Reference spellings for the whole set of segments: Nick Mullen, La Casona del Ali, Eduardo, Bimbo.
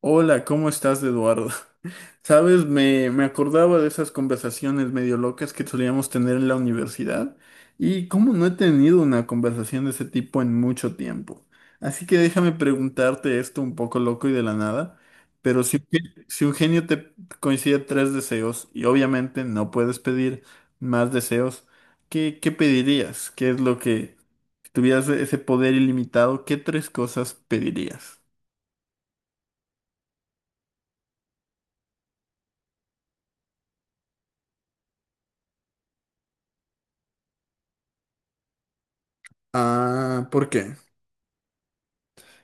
Hola, ¿cómo estás, Eduardo? Sabes, me acordaba de esas conversaciones medio locas que solíamos tener en la universidad y cómo no he tenido una conversación de ese tipo en mucho tiempo. Así que déjame preguntarte esto un poco loco y de la nada, pero si un genio te coincide tres deseos y obviamente no puedes pedir más deseos, ¿Qué pedirías? ¿Qué es lo que, si tuvieras ese poder ilimitado, qué tres cosas pedirías? Ah, ¿por qué?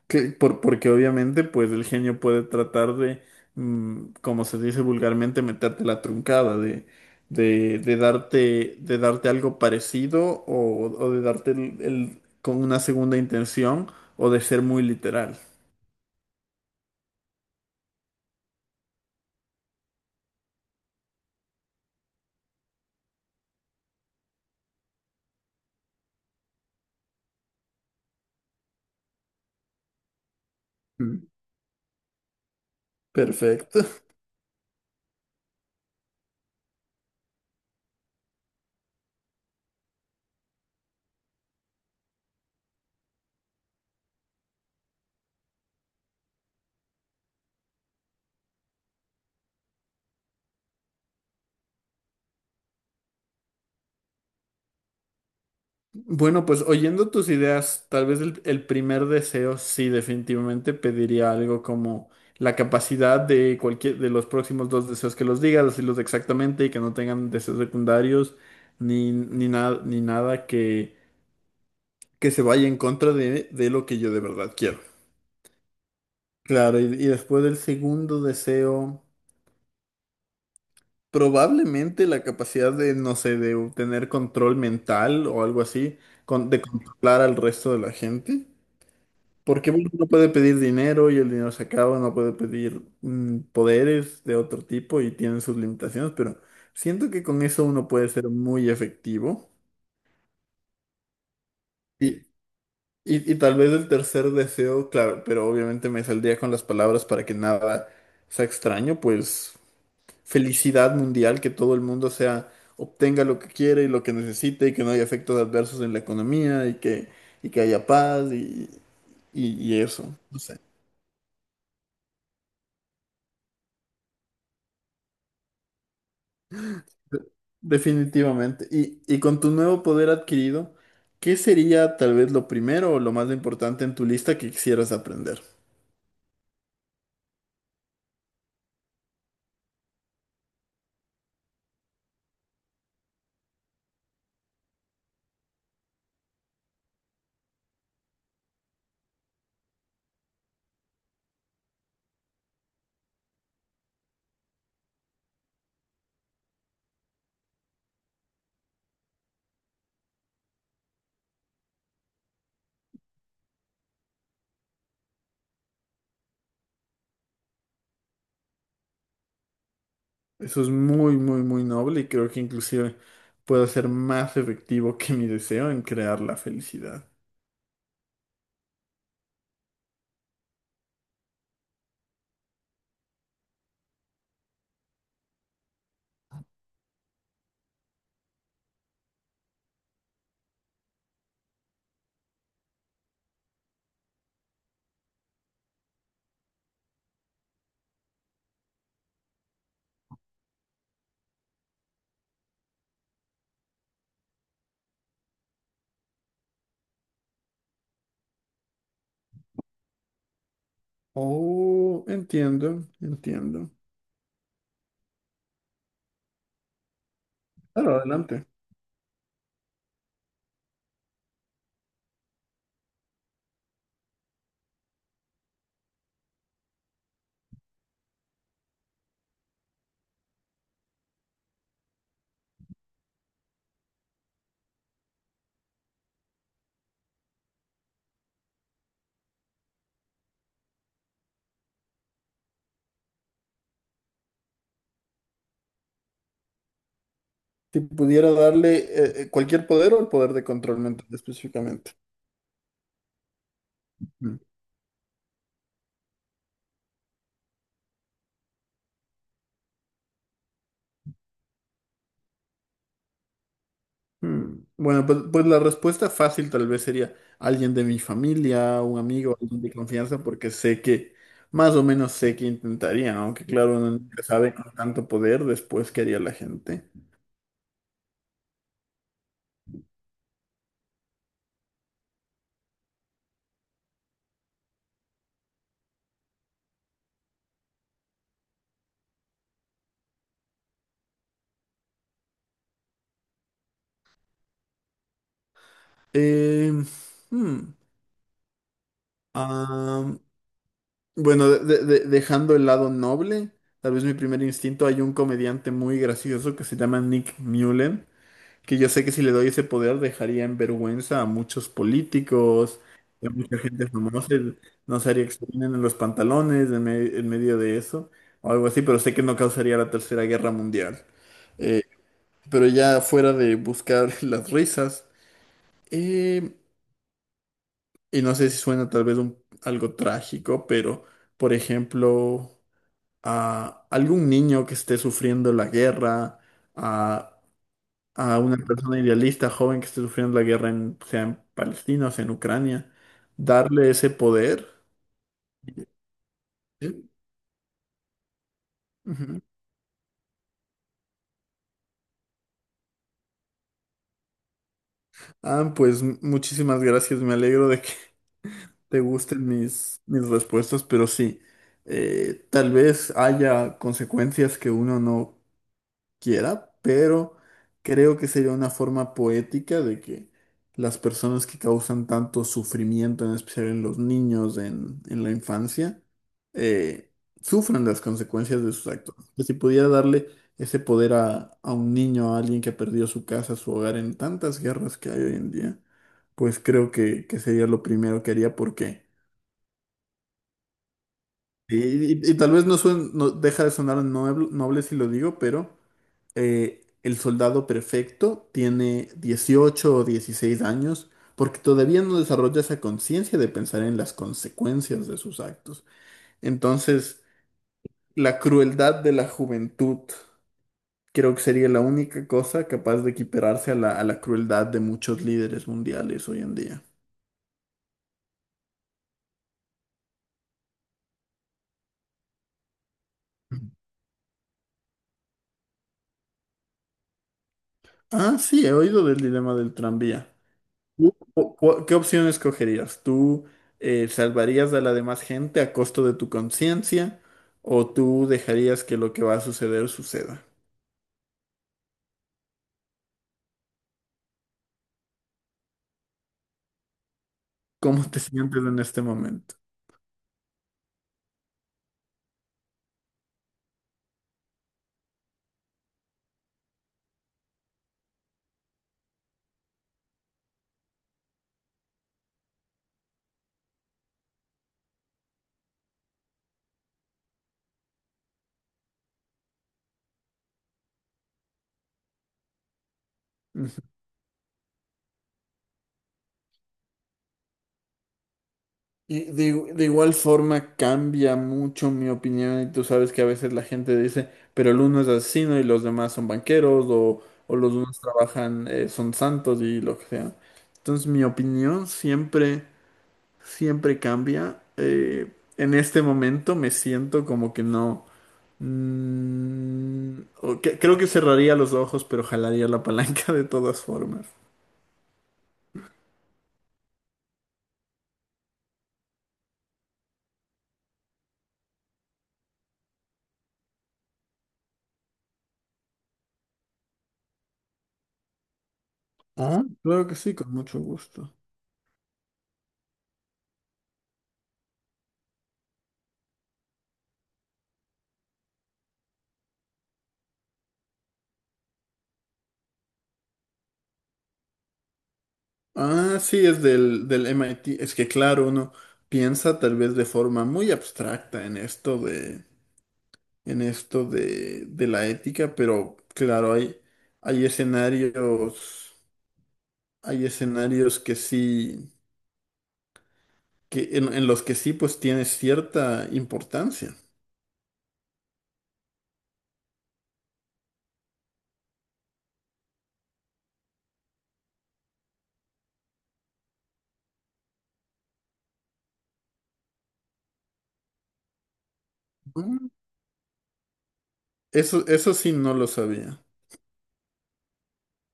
Que, porque obviamente, pues el genio puede tratar de, como se dice vulgarmente, meterte la truncada, de darte algo parecido o de darte con una segunda intención o de ser muy literal. Mm. Perfecto. Bueno, pues oyendo tus ideas, tal vez el primer deseo, sí, definitivamente pediría algo como la capacidad de cualquier de los próximos dos deseos que los diga, decirlos exactamente y que no tengan deseos secundarios ni nada que se vaya en contra de lo que yo de verdad quiero. Claro, y después del segundo deseo, probablemente la capacidad de, no sé, de tener control mental o algo así, de controlar al resto de la gente. Porque uno no puede pedir dinero y el dinero se acaba, no puede pedir poderes de otro tipo y tienen sus limitaciones, pero siento que con eso uno puede ser muy efectivo. Y, y tal vez el tercer deseo, claro, pero obviamente me saldría con las palabras para que nada sea extraño, pues felicidad mundial, que todo el mundo sea, obtenga lo que quiere y lo que necesite y que no haya efectos adversos en la economía y que haya paz y eso. No sé. Definitivamente. Y con tu nuevo poder adquirido, ¿qué sería tal vez lo primero o lo más importante en tu lista que quisieras aprender? Eso es muy, muy, muy noble y creo que inclusive puedo ser más efectivo que mi deseo en crear la felicidad. Oh, entiendo, entiendo. Claro, adelante. Si pudiera darle cualquier poder o el poder de control mental específicamente. Mm, bueno, pues la respuesta fácil tal vez sería alguien de mi familia, un amigo, alguien de confianza, porque sé que, más o menos sé que intentaría, aunque claro, uno nunca sabe con tanto poder después qué haría la gente. Eh, hmm, ah, bueno, dejando el lado noble, tal vez mi primer instinto, hay un comediante muy gracioso que se llama Nick Mullen. Que yo sé que si le doy ese poder dejaría en vergüenza a muchos políticos, a mucha gente famosa, nos haría que se orinen en los pantalones en medio de eso, o algo así, pero sé que no causaría la Tercera Guerra Mundial. Eh, pero ya fuera de buscar las risas, eh, y no sé si suena tal vez algo trágico, pero por ejemplo, a algún niño que esté sufriendo la guerra, a una persona idealista, joven que esté sufriendo la guerra, sea en Palestina o sea en Ucrania, darle ese poder. Sí. Ujú. Ah, pues muchísimas gracias, me alegro de que te gusten mis respuestas, pero sí, tal vez haya consecuencias que uno no quiera, pero creo que sería una forma poética de que las personas que causan tanto sufrimiento, en especial en los niños, en la infancia, eh, sufran las consecuencias de sus actos. Que si pudiera darle ese poder a un niño, a alguien que ha perdido su casa, su hogar en tantas guerras que hay hoy en día, pues creo que sería lo primero que haría porque... Y tal vez no, deja de sonar noble, noble si lo digo, pero el soldado perfecto tiene 18 o 16 años porque todavía no desarrolla esa conciencia de pensar en las consecuencias de sus actos. Entonces, la crueldad de la juventud creo que sería la única cosa capaz de equipararse a la crueldad de muchos líderes mundiales hoy en día. Ah, sí, he oído del dilema del tranvía. ¿Qué opción escogerías? ¿Tú salvarías a la demás gente a costo de tu conciencia o tú dejarías que lo que va a suceder suceda? ¿Cómo te sientes en este momento? Ujú. Y de, de igual forma cambia mucho mi opinión y tú sabes que a veces la gente dice, pero el uno es asesino y los demás son banqueros o los unos trabajan, son santos y lo que sea. Entonces mi opinión siempre... siempre cambia. En este momento me siento como que no. Creo que cerraría los ojos, pero jalaría la palanca de todas formas. Ah, claro que sí, con mucho gusto. Ah, sí, es del MIT. Es que claro, uno piensa tal vez de forma muy abstracta en esto de, en esto de la ética, pero claro, hay escenarios, hay escenarios, que sí. Que en los que sí pues tiene cierta importancia. Mm. Eso sí no lo sabía.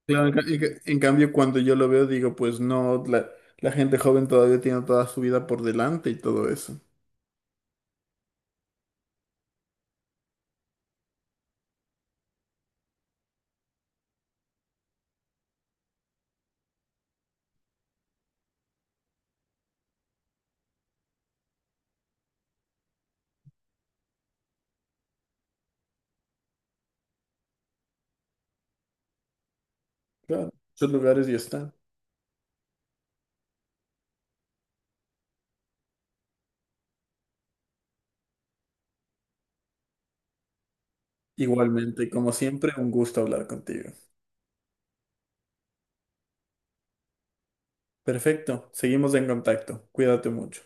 Claro, en cambio cuando yo lo veo digo, pues no, la gente joven todavía tiene toda su vida por delante y todo eso. Claro, esos lugares ya están. Igualmente, como siempre, un gusto hablar contigo. Perfecto, seguimos en contacto. Cuídate mucho.